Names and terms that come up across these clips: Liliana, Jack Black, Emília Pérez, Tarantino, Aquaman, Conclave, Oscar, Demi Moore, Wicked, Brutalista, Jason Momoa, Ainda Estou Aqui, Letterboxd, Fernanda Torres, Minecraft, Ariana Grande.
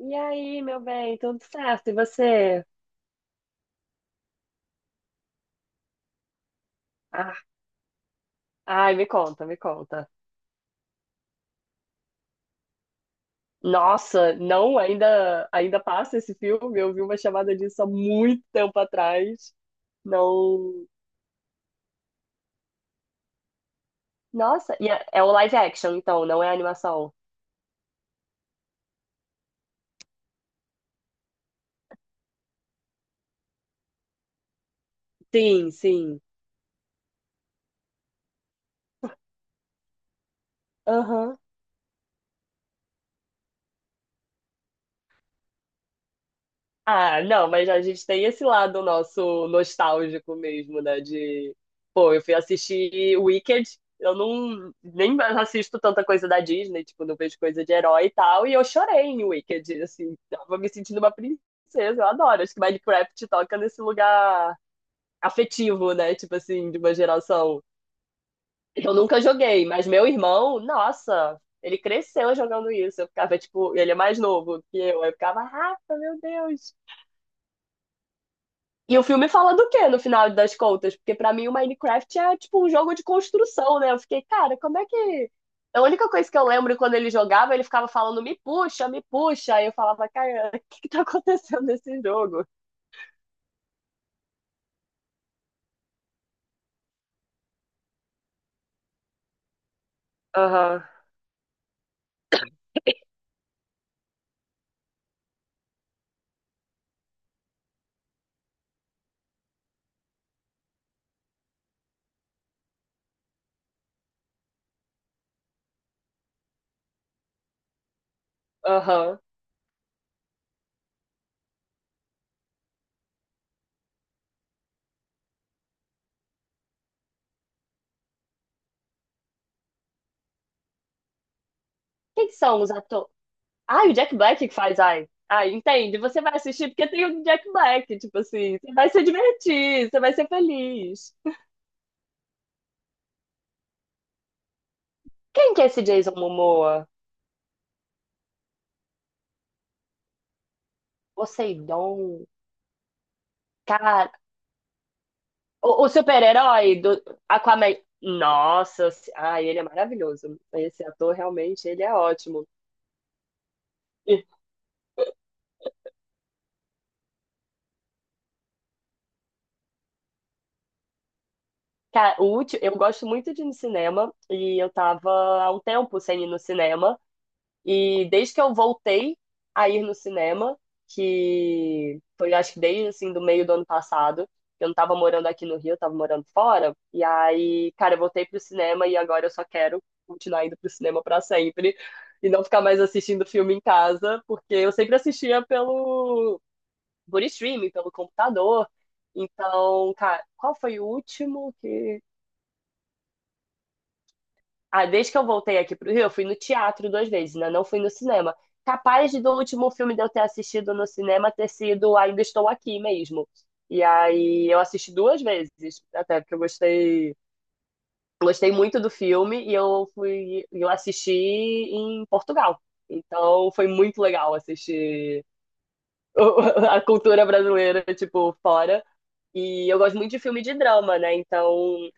E aí, meu bem, tudo certo? E você? Ah, ai, me conta, me conta. Nossa, não, ainda passa esse filme. Eu vi uma chamada disso há muito tempo atrás. Não. Nossa, e é o live action, então, não é animação. Sim, sim. Aham. Ah, não, mas a gente tem esse lado nosso nostálgico mesmo, né? De, pô, eu fui assistir Wicked, eu não nem mais assisto tanta coisa da Disney, tipo, não vejo coisa de herói e tal, e eu chorei em Wicked, assim, tava me sentindo uma princesa, eu adoro. Acho que Minecraft toca nesse lugar afetivo, né? Tipo assim, de uma geração. Eu nunca joguei, mas meu irmão, nossa, ele cresceu jogando isso. Eu ficava, tipo, ele é mais novo que eu ficava, Rafa, meu Deus. E o filme fala do quê no final das contas? Porque pra mim o Minecraft é tipo um jogo de construção, né? Eu fiquei, cara, como é que. A única coisa que eu lembro quando ele jogava, ele ficava falando me puxa, me puxa. Aí eu falava, cara, o que que tá acontecendo nesse jogo? Aham, aham. Quem que são os atores? Ah, o Jack Black que faz, ai. Ai, entende? Você vai assistir porque tem o Jack Black, tipo assim. Você vai se divertir, você vai ser feliz. Quem que é esse Jason Momoa? Poseidon. Cara, o super-herói do Aquaman. Nossa, se- ai, ele é maravilhoso. Esse ator realmente, ele é ótimo. Cara, o último, eu gosto muito de ir no cinema e eu tava há um tempo sem ir no cinema. E desde que eu voltei a ir no cinema, que foi acho que desde assim do meio do ano passado, eu não tava morando aqui no Rio, eu tava morando fora. E aí, cara, eu voltei pro cinema e agora eu só quero continuar indo pro cinema pra sempre e não ficar mais assistindo filme em casa, porque eu sempre assistia pelo por streaming, pelo computador. Então, cara, qual foi o último que. Ah, desde que eu voltei aqui pro Rio, eu fui no teatro duas vezes, né? Não fui no cinema. Capaz de do último filme de eu ter assistido no cinema ter sido Ainda Estou Aqui mesmo. E aí eu assisti duas vezes, até porque eu gostei, gostei muito do filme e eu fui, eu assisti em Portugal. Então foi muito legal assistir a cultura brasileira, tipo, fora. E eu gosto muito de filme de drama, né? Então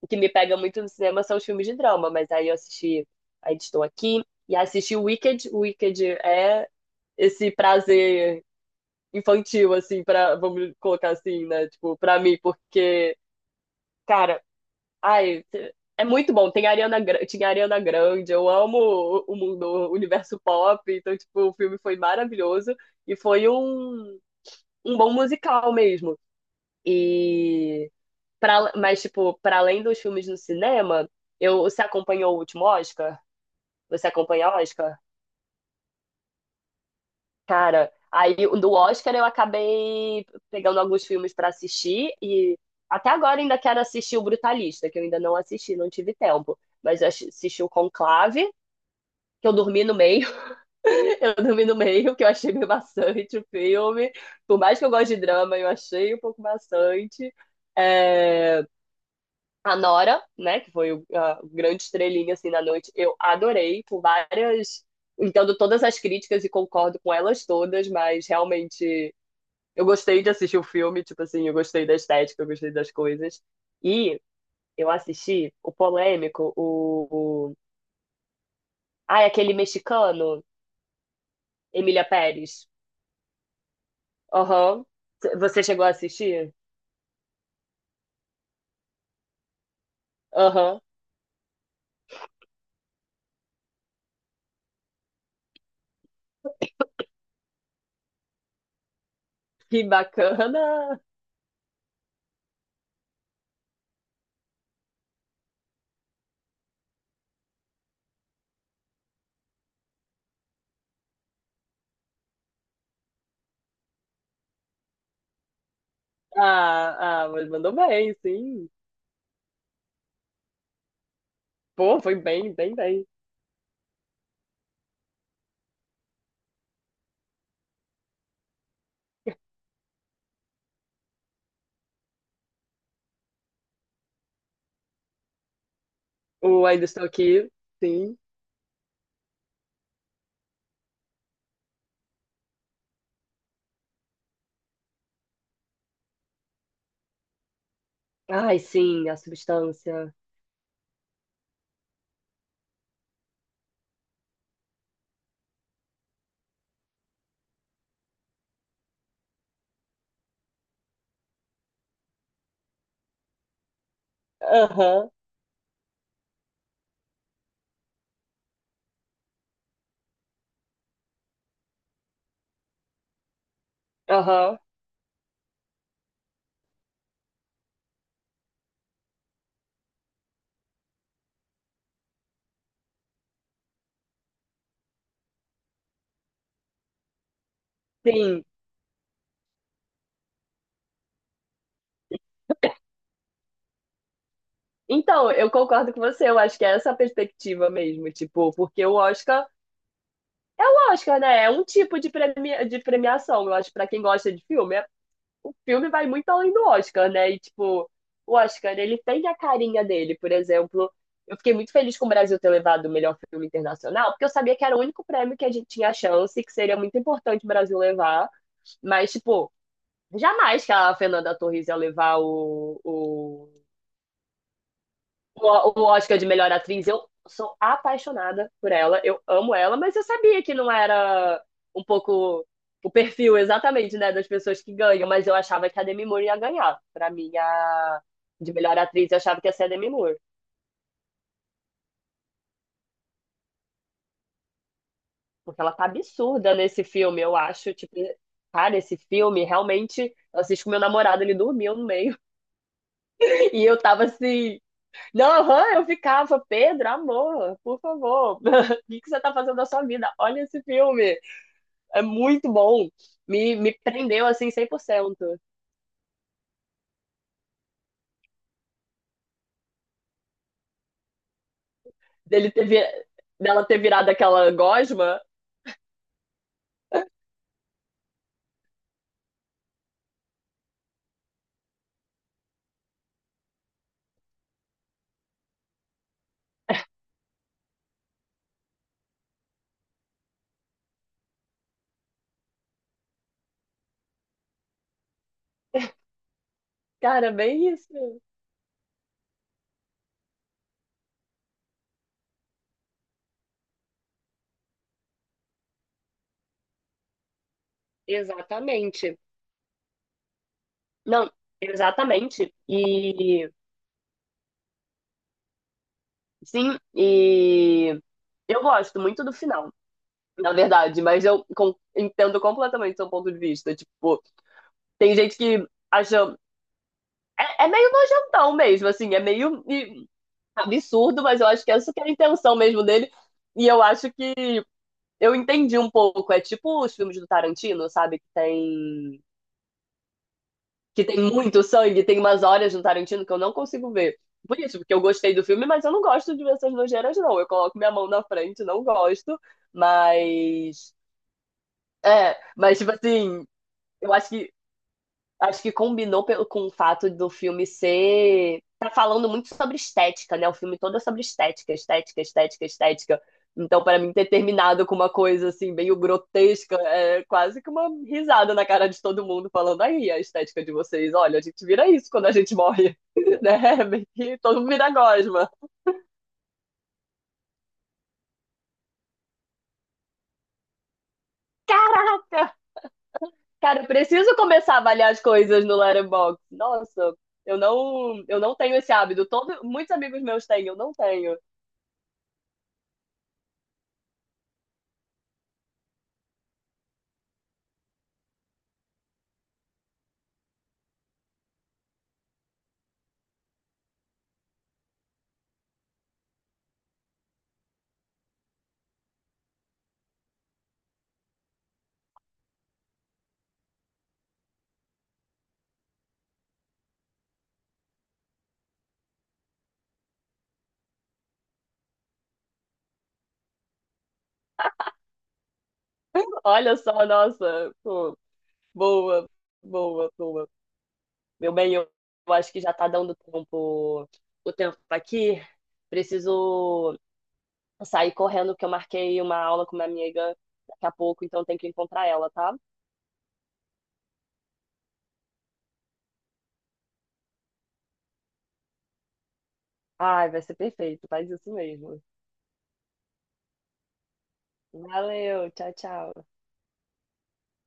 o que me pega muito no cinema são os filmes de drama, mas aí eu assisti Ainda Estou Aqui e assisti Wicked. Wicked é esse prazer infantil, assim, pra, vamos colocar assim, né? Tipo, pra mim, porque, cara, ai, é muito bom. Tem a Ariana, Gra- tinha a Ariana Grande, eu amo o mundo, o universo pop, então, tipo, o filme foi maravilhoso e foi um, um bom musical mesmo. E pra, mas, tipo, para além dos filmes no cinema, eu, você acompanhou o último Oscar? Você acompanha Oscar? Cara, aí do Oscar eu acabei pegando alguns filmes pra assistir e até agora ainda quero assistir o Brutalista, que eu ainda não assisti, não tive tempo. Mas eu assi- assisti o Conclave, que eu dormi no meio, eu dormi no meio, que eu achei meio maçante o filme. Por mais que eu goste de drama, eu achei um pouco maçante. É, a Nora, né, que foi o a grande estrelinha assim na noite, eu adorei por várias, entendo todas as críticas e concordo com elas todas, mas realmente eu gostei de assistir o filme, tipo assim, eu gostei da estética, eu gostei das coisas. E eu assisti o polêmico, o... ah, é aquele mexicano, Emília Pérez. Aham. Você chegou a assistir? Aham. Que bacana. Ah, ah, mas mandou bem, sim. Pô, foi bem, bem, bem. O Ainda Estou Aqui, sim. Ai, sim, a substância. Aham, aham, sim. Então, eu concordo com você, eu acho que é essa a perspectiva mesmo, tipo, porque o Oscar, né, é um tipo de, premi- de premiação, eu acho, pra quem gosta de filme, é- o filme vai muito além do Oscar, né, e tipo, o Oscar, ele tem a carinha dele, por exemplo, eu fiquei muito feliz com o Brasil ter levado o melhor filme internacional, porque eu sabia que era o único prêmio que a gente tinha chance, que seria muito importante o Brasil levar, mas, tipo, jamais que a Fernanda Torres ia levar o Oscar de melhor atriz. Eu sou apaixonada por ela, eu amo ela, mas eu sabia que não era um pouco o perfil exatamente, né, das pessoas que ganham, mas eu achava que a Demi Moore ia ganhar. Pra mim, a de melhor atriz, eu achava que ia ser a Demi Moore, porque ela tá absurda nesse filme, eu acho, tipo, cara, esse filme realmente, eu assisti com meu namorado, ele dormiu no meio, e eu tava assim, Não, aham, eu ficava, Pedro, amor, por favor, o que que você tá fazendo da sua vida? Olha esse filme, é muito bom. Me prendeu assim 100%. Dele ter, vi- dela ter virado aquela gosma. Cara, é bem isso. Exatamente. Não, exatamente. E sim, e eu gosto muito do final, na verdade, mas eu com- entendo completamente seu ponto de vista. Tipo, tem gente que acha. É, é meio nojentão mesmo, assim, é meio e, absurdo, mas eu acho que essa que é a intenção mesmo dele. E eu acho que eu entendi um pouco. É tipo os filmes do Tarantino, sabe? Que tem muito sangue, tem umas horas no Tarantino que eu não consigo ver. Por isso, porque eu gostei do filme, mas eu não gosto de ver essas nojeiras, não. Eu coloco minha mão na frente, não gosto. Mas. É, mas tipo assim, eu acho que. Acho que combinou pelo- com o fato do filme ser. Tá falando muito sobre estética, né? O filme todo é sobre estética, estética, estética, estética. Então, pra mim, ter terminado com uma coisa assim, meio grotesca, é quase que uma risada na cara de todo mundo, falando aí a estética de vocês. Olha, a gente vira isso quando a gente morre, né? Meio que todo mundo vira gosma. Caraca! Cara, eu preciso começar a avaliar as coisas no Letterboxd. Nossa, eu não tenho esse hábito. Todo, muitos amigos meus têm, eu não tenho. Olha só, nossa, pô, boa, boa, boa. Meu bem, eu acho que já tá dando tempo, o tempo tá aqui. Preciso sair correndo, porque eu marquei uma aula com uma amiga daqui a pouco, então tenho que encontrar ela, tá? Ai, vai ser perfeito, faz isso mesmo. Valeu, tchau, tchau.